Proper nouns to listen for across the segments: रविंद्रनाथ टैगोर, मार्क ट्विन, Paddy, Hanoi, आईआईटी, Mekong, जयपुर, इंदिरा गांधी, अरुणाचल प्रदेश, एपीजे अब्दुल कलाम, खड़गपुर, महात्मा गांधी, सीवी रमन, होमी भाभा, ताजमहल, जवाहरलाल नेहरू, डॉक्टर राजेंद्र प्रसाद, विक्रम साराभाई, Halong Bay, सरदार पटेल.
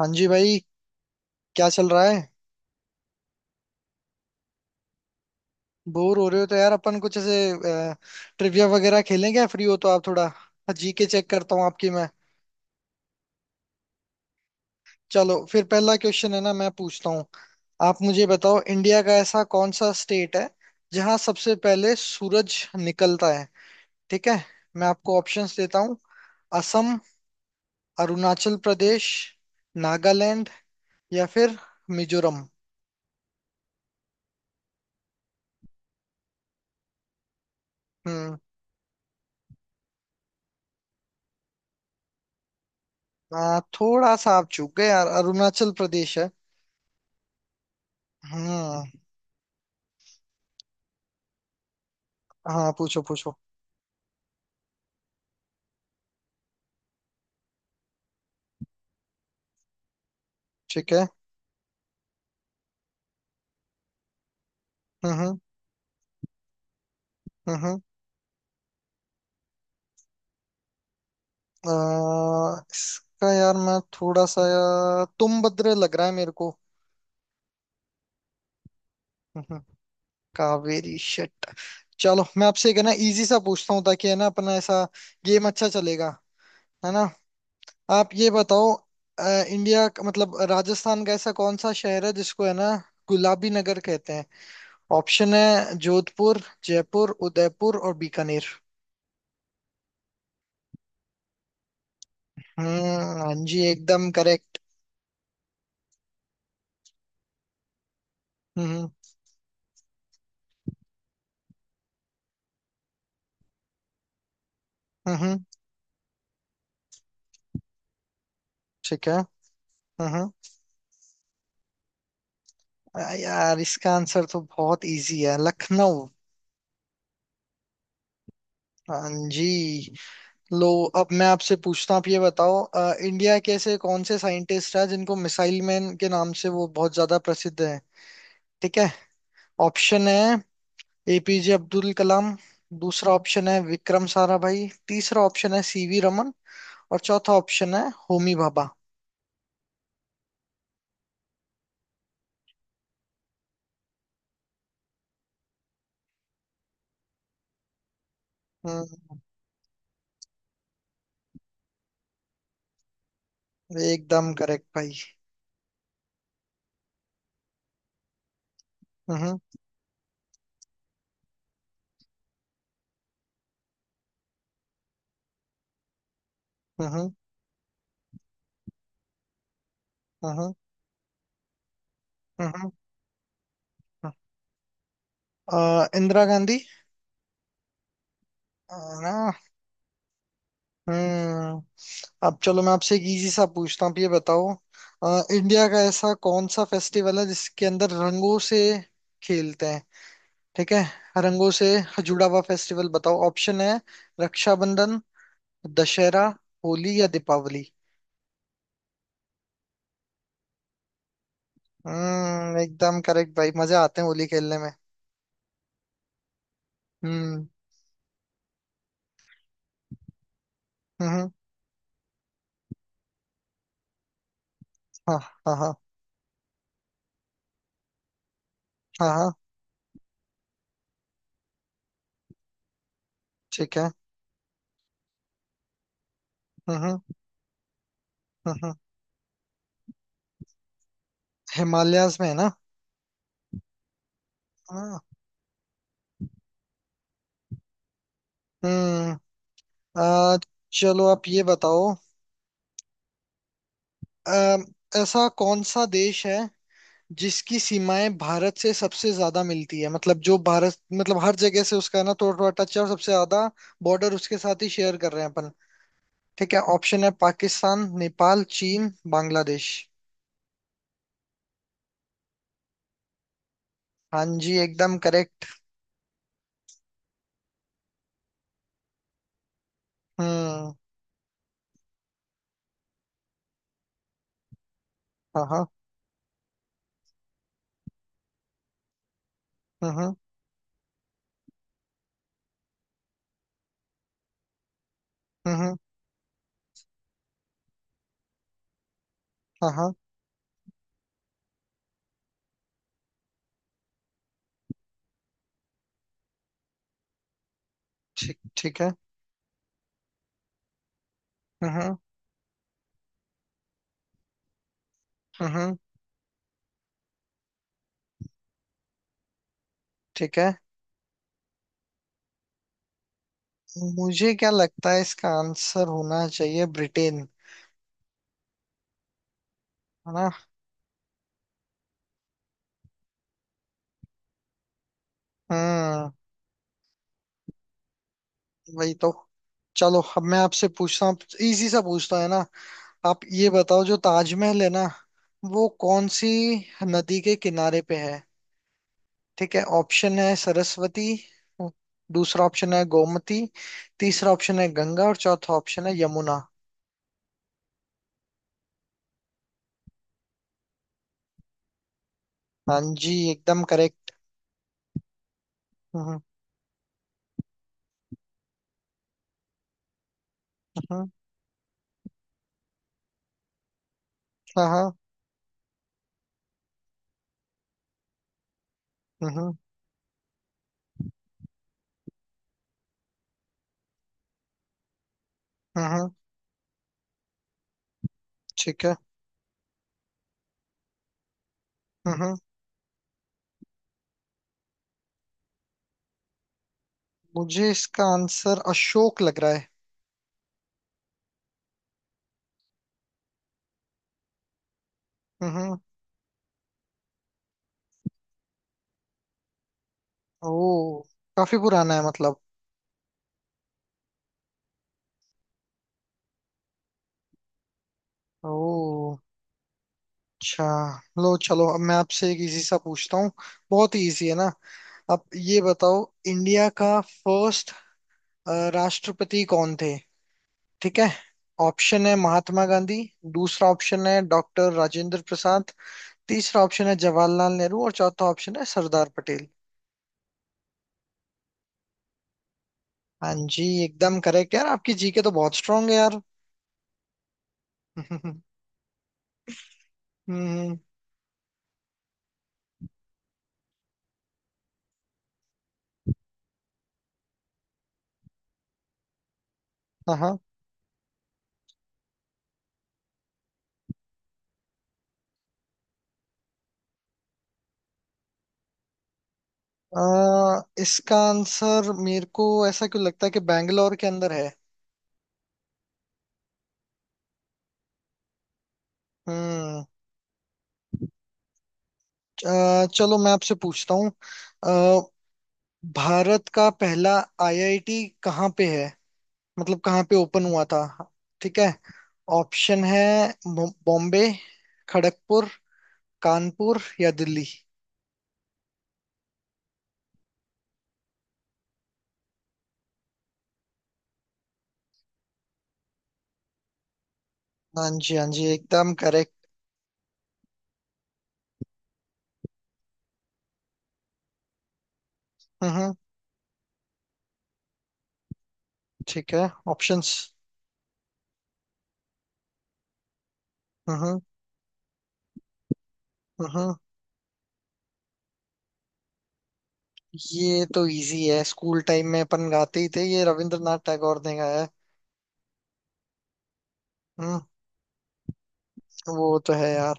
हाँ जी भाई। क्या चल रहा है? बोर हो रहे हो तो यार अपन कुछ ऐसे ट्रिविया वगैरह खेलें क्या, फ्री हो तो आप थोड़ा जीके चेक करता हूँ आपकी मैं। चलो फिर पहला क्वेश्चन है ना मैं पूछता हूँ। आप मुझे बताओ इंडिया का ऐसा कौन सा स्टेट है जहाँ सबसे पहले सूरज निकलता है। ठीक है। मैं आपको ऑप्शंस देता हूँ। असम, अरुणाचल प्रदेश, नागालैंड या फिर मिजोरम। हम्म। थोड़ा सा आप चूक गए यार, अरुणाचल प्रदेश है। हम्म। हाँ पूछो पूछो। ठीक है। हम्म। हम्म। हम्म। हम्म। इसका यार, मैं थोड़ा सा, यार तुम बद्रे लग रहा है मेरे को। हम्म। कावेरी, शिट। चलो मैं आपसे एक है ना इजी सा पूछता हूँ ताकि है ना अपना ऐसा गेम अच्छा चलेगा, है ना। आप ये बताओ। अ, मतलब राजस्थान का ऐसा कौन सा शहर है जिसको है ना गुलाबी नगर कहते हैं। ऑप्शन है जोधपुर, जयपुर, उदयपुर और बीकानेर। हम्म। हाँ जी एकदम करेक्ट। हम्म। हम्म। ठीक है। हम्म। यार, इसका आंसर तो बहुत इजी है, लखनऊ। हाँ जी। लो, अब मैं आपसे पूछता हूँ। आप ये बताओ इंडिया के ऐसे कौन से साइंटिस्ट है जिनको मिसाइल मैन के नाम से वो बहुत ज्यादा प्रसिद्ध है। ठीक है। ऑप्शन है एपीजे अब्दुल कलाम, दूसरा ऑप्शन है विक्रम साराभाई, तीसरा ऑप्शन है सीवी रमन और चौथा ऑप्शन है होमी भाभा। हम्म। एकदम करेक्ट भाई। हम्म। हम्म। हम्म। हम्म। हम्म। हम्म। इंदिरा गांधी। अ, ना। हम्म। अब चलो मैं आपसे एक इजी सा पूछता हूँ। आप ये बताओ अ, इंडिया का ऐसा कौन सा फेस्टिवल है जिसके अंदर रंगों से खेलते हैं। ठीक है। रंगों से जुड़ा हुआ फेस्टिवल बताओ। ऑप्शन है रक्षाबंधन, दशहरा, होली या दीपावली। हम्म, एकदम करेक्ट भाई, मजे आते हैं होली खेलने में। हम्म। हम्म। हाँ। हाँ, हाँ। हाँ, हाँ। ठीक है। हम्म। हम्म। हम्म। हिमालयाज में, है ना। हाँ। हम्म। आ, चलो, आप ये बताओ अ, ऐसा कौन सा देश है जिसकी सीमाएं भारत से सबसे ज्यादा मिलती है, मतलब जो भारत, मतलब हर जगह से उसका ना थोड़ा थोड़ा टच है और सबसे ज्यादा बॉर्डर उसके साथ ही शेयर कर रहे हैं अपन। ठीक है। ऑप्शन है पाकिस्तान, नेपाल, चीन, बांग्लादेश। हाँ जी एकदम करेक्ट। हम्म। हाँ, हाँ। हम्म। हम्म। हाँ, हाँ। ठीक, ठीक है। हम्म। हम्म। ठीक है। मुझे क्या लगता है इसका आंसर होना चाहिए ब्रिटेन। है ना। हम्म। वही तो। चलो, अब मैं आपसे पूछता हूँ, इजी सा पूछता, है ना। आप ये बताओ जो ताजमहल है ना, वो कौन सी नदी के किनारे पे है। ठीक है। ऑप्शन है सरस्वती, दूसरा ऑप्शन है गोमती, तीसरा ऑप्शन है गंगा और चौथा ऑप्शन है यमुना। हाँ जी एकदम करेक्ट। हम्म। हम्म, हाँ, हाँ। हम्म। हम्म। हम्म, ठीक है। हम्म। हम्म। मुझे इसका आंसर अशोक लग रहा है। हम्म। हम्म। ओ, काफी पुराना है मतलब। ओ, अच्छा। लो, चलो, अब मैं आपसे एक इजी सा पूछता हूँ, बहुत ही इजी है ना। अब ये बताओ इंडिया का फर्स्ट राष्ट्रपति कौन थे। ठीक है। ऑप्शन है महात्मा गांधी, दूसरा ऑप्शन है डॉक्टर राजेंद्र प्रसाद, तीसरा ऑप्शन है जवाहरलाल नेहरू और चौथा ऑप्शन है सरदार पटेल। हाँ जी एकदम करेक्ट यार, आपकी जीके तो बहुत स्ट्रांग है यार। हम्म। हाँ, हाँ। अ, इसका आंसर मेरे को ऐसा क्यों लगता है कि बैंगलोर के अंदर है। हम्म। चलो, मैं आपसे पूछता हूँ भारत का पहला आईआईटी कहाँ पे है, मतलब कहाँ पे ओपन हुआ था। ठीक है। ऑप्शन है बॉम्बे, खड़गपुर, कानपुर या दिल्ली। हाँ जी, हाँ जी एकदम करेक्ट। हम्म। ठीक है। ऑप्शंस। हम्म। हम्म। ये तो इजी है, स्कूल टाइम में अपन गाते ही थे, ये रविंद्रनाथ टैगोर ने गाया है। हम्म। वो तो है यार।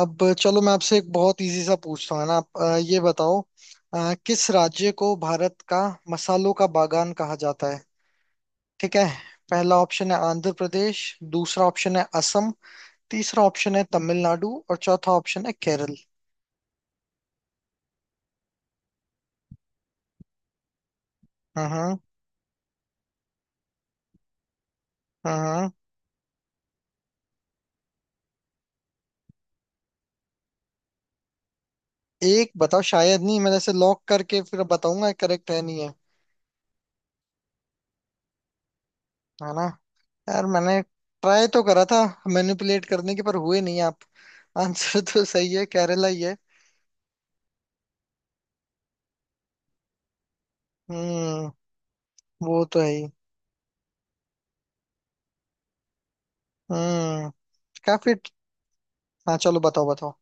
अब चलो, मैं आपसे एक बहुत इजी सा पूछता हूँ, है ना। आप ये बताओ किस राज्य को भारत का मसालों का बागान कहा जाता है। ठीक है। पहला ऑप्शन है आंध्र प्रदेश, दूसरा ऑप्शन है असम, तीसरा ऑप्शन है तमिलनाडु और चौथा ऑप्शन है केरल। हाँ, हाँ। हाँ, हाँ। एक बताओ, शायद नहीं, मैंने ऐसे लॉक करके फिर बताऊंगा करेक्ट है नहीं है। है ना। यार, मैंने ट्राई तो करा था मैनिपुलेट करने के, पर हुए नहीं आप। आंसर तो सही है, केरला ही है। हम्म। वो तो है ही। हम्म। काफी। हाँ, चलो बताओ बताओ।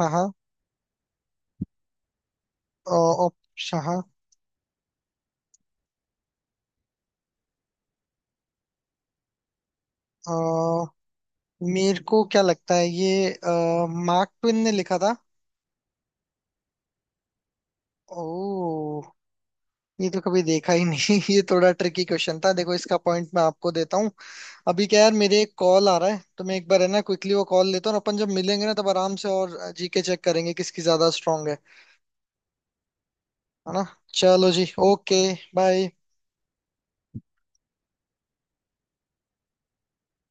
हाँ, हाँ। ऑप्शन, हाँ। अ, मेरे को क्या लगता है, ये मार्क ट्विन ने लिखा था। ओ, ये तो कभी देखा ही नहीं। ये थोड़ा ट्रिकी क्वेश्चन था, देखो इसका पॉइंट मैं आपको देता हूँ। अभी क्या यार, मेरे एक कॉल आ रहा है, तो मैं एक बार है ना क्विकली वो कॉल लेता हूँ, और अपन जब मिलेंगे ना तब आराम से और जीके चेक करेंगे किसकी ज्यादा स्ट्रांग है। है ना। चलो जी, ओके, बाय।